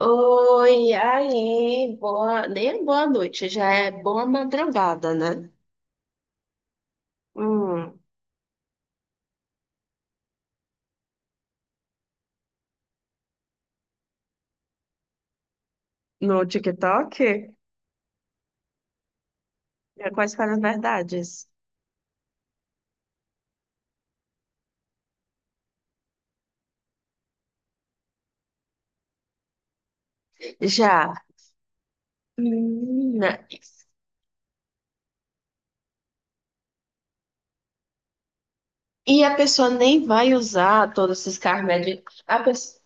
Oi, aí, boa, nem é boa noite, já é boa madrugada, né? Hum, no TikTok? Quais foram as verdades? Já. Menina, e a pessoa nem vai usar todos esses carros. A pessoa,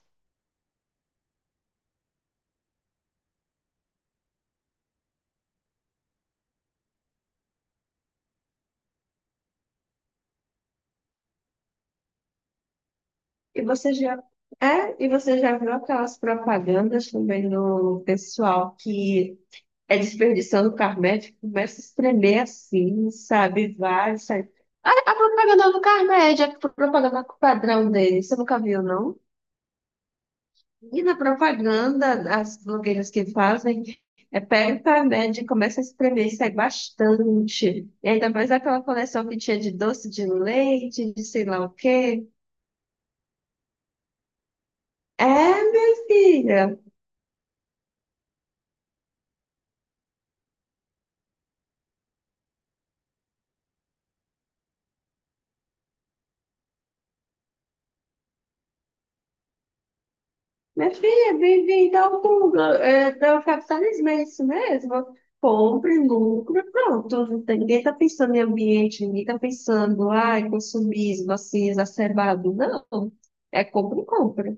e você já e você já viu aquelas propagandas também do pessoal que desperdiçando Carmed, começa a espremer assim, sabe? Vai, sai. A propaganda do Carmed, a propaganda padrão dele, você nunca viu, não? E na propaganda, as blogueiras que fazem, pega o Carmed e começa a espremer, sai bastante. E ainda mais aquela coleção que tinha de doce de leite, de sei lá o quê. É, minha filha. Minha filha, bem-vinda tal mundo. É, é o capitalismo, é isso mesmo. Compre, lucro, pronto. Não tem- Ninguém está pensando em ambiente, ninguém está pensando, ai, consumismo, assim, exacerbado. Não. É compra e compra.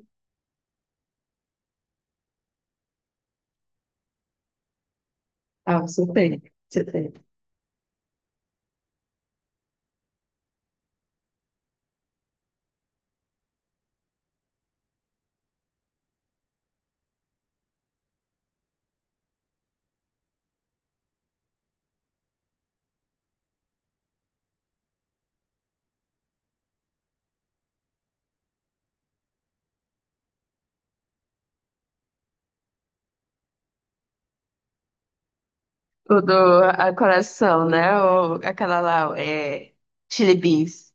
Ah, você tem, você tem. O do a coração, né? Ou aquela lá, é, Chili Beans.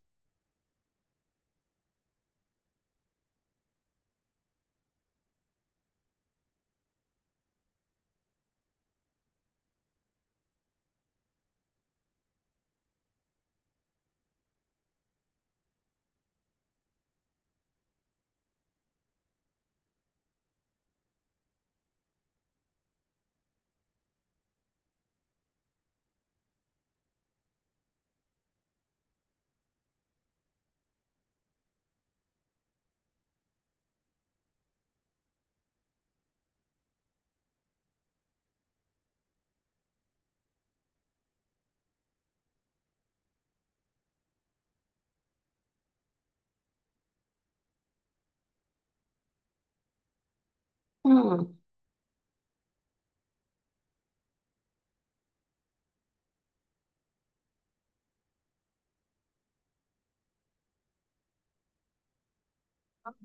Hum.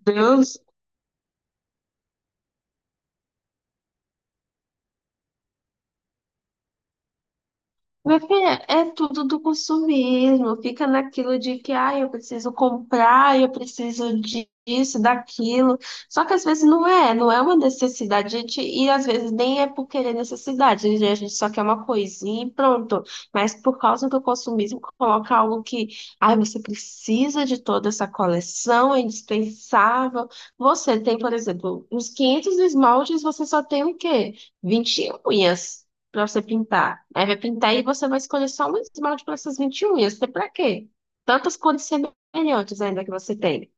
Deus. Minha filha, é tudo do consumismo, fica naquilo de que ah, eu preciso comprar, disso, daquilo. Só que às vezes não é, não é uma necessidade, a gente, e às vezes nem é por querer necessidade, né? A gente só quer uma coisinha e pronto. Mas por causa do consumismo, coloca algo que ah, você precisa de toda essa coleção, é indispensável. Você tem, por exemplo, uns 500 esmaltes, você só tem o quê? Vinte unhas pra você pintar. Aí vai pintar e você vai escolher só um esmalte para essas 21 unhas. Até pra quê? Tantas cores semelhantes ainda que você tem.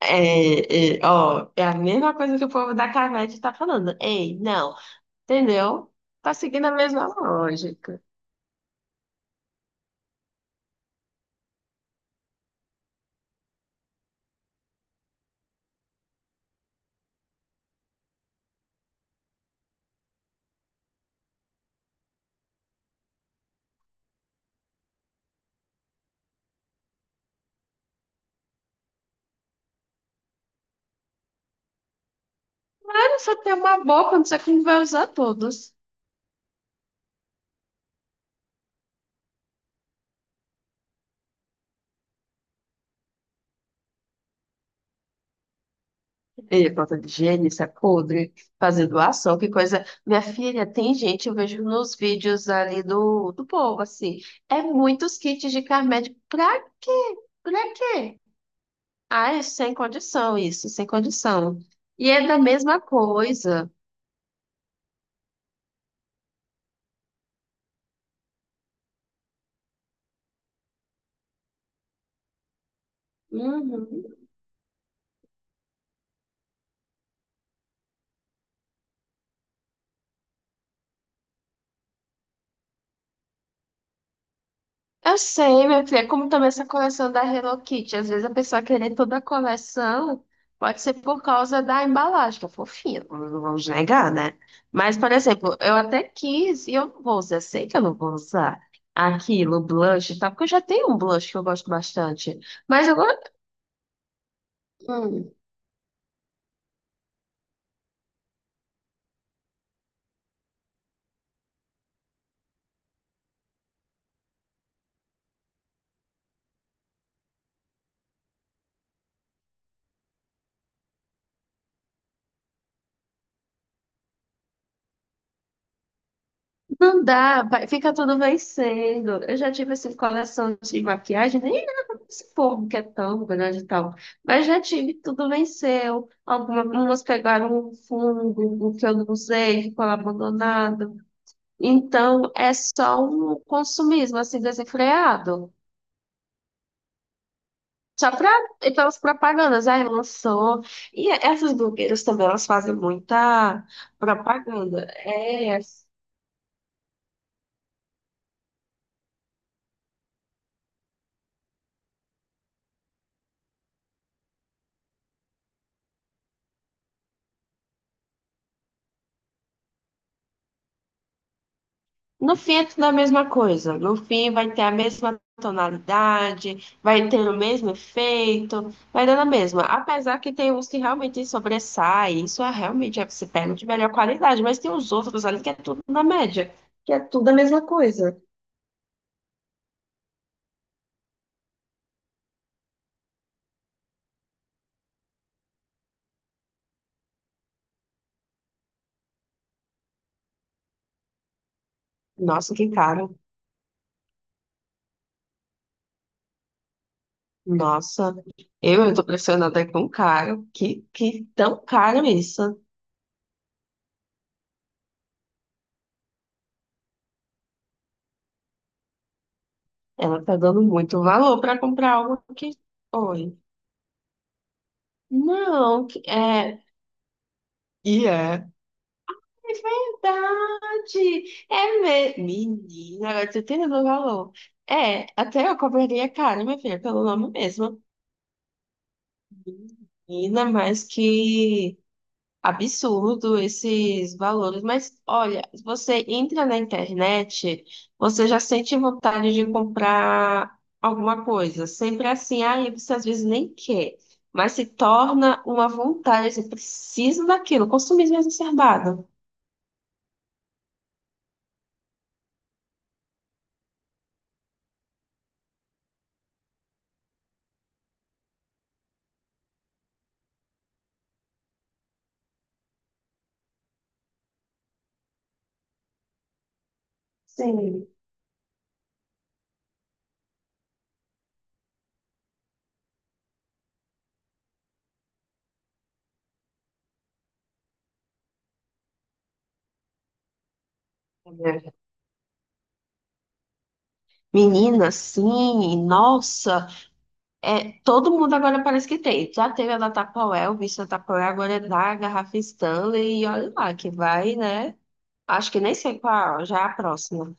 Ó, é a mesma coisa que o povo da Carvete tá falando. Ei, não. Entendeu? Tá seguindo a mesma lógica. Mas você tem uma boa quando você que não vai usar todos. E falta de higiene, isso é podre. Fazer doação, que coisa. Minha filha, tem gente, eu vejo nos vídeos ali do povo, assim. É muitos kits de Carmed. Pra quê? Pra quê? Ai, sem condição isso, sem condição. E é da mesma coisa. Uhum. Eu sei, minha filha, é como também essa coleção da Hello Kitty. Às vezes a pessoa querer toda a coleção pode ser por causa da embalagem, que é fofinha, não vamos negar, né? Mas, por exemplo, eu até quis e eu não vou usar, eu sei que eu não vou usar aquilo, blush e tal, porque eu já tenho um blush que eu gosto bastante. Mas agora. Não dá, fica tudo vencendo. Eu já tive assim, coleção de maquiagem, nem nada desse povo que é tão grande e tal. Mas já tive, tudo venceu. Algumas pegaram um fungo, o que eu não usei, ficou lá abandonado. Então é só um consumismo assim desenfreado. Só para e pelas propagandas, aí lançou. E essas blogueiras também, elas fazem muita propaganda. É. No fim é tudo a mesma coisa. No fim vai ter a mesma tonalidade, vai ter o mesmo efeito, vai dando a mesma. Apesar que tem uns que realmente sobressaem, realmente é que se pega de melhor qualidade, mas tem os outros ali que é tudo na média, que é tudo a mesma coisa. Nossa, que caro. Nossa, eu estou pressionada com caro. Que tão caro isso. Ela tá dando muito valor para comprar algo que. Oi. Não, é. E é. É verdade! É mesmo. Menina, agora tu tem noção do valor. É, até eu cobraria caro, minha filha, pelo nome mesmo. Menina, mas que absurdo esses valores. Mas olha, você entra na internet, você já sente vontade de comprar alguma coisa. Sempre é assim, aí você às vezes nem quer, mas se torna uma vontade, você precisa daquilo, consumismo exacerbado. Sim. Menina, sim, nossa, é, todo mundo agora parece que tem. Já teve a da Tupperware, o bicho da Tupperware, agora é da garrafa Stanley, e olha lá, que vai, né? Acho que nem sei qual, já é a próxima.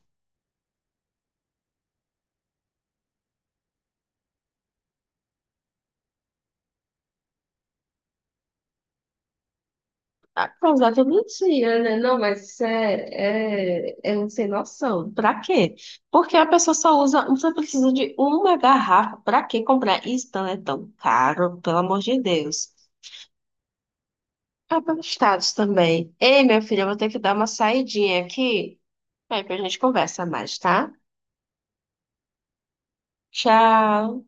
Apesar que eu não tinha, né? Não, mas isso é um sem noção. Pra quê? Porque a pessoa só usa, só precisa de uma garrafa. Pra que comprar? E Stanley é tão caro, pelo amor de Deus. Ah, para os estados também. Ei, minha filha, eu vou ter que dar uma saidinha aqui. Aí, depois a gente conversa mais, tá? Tchau!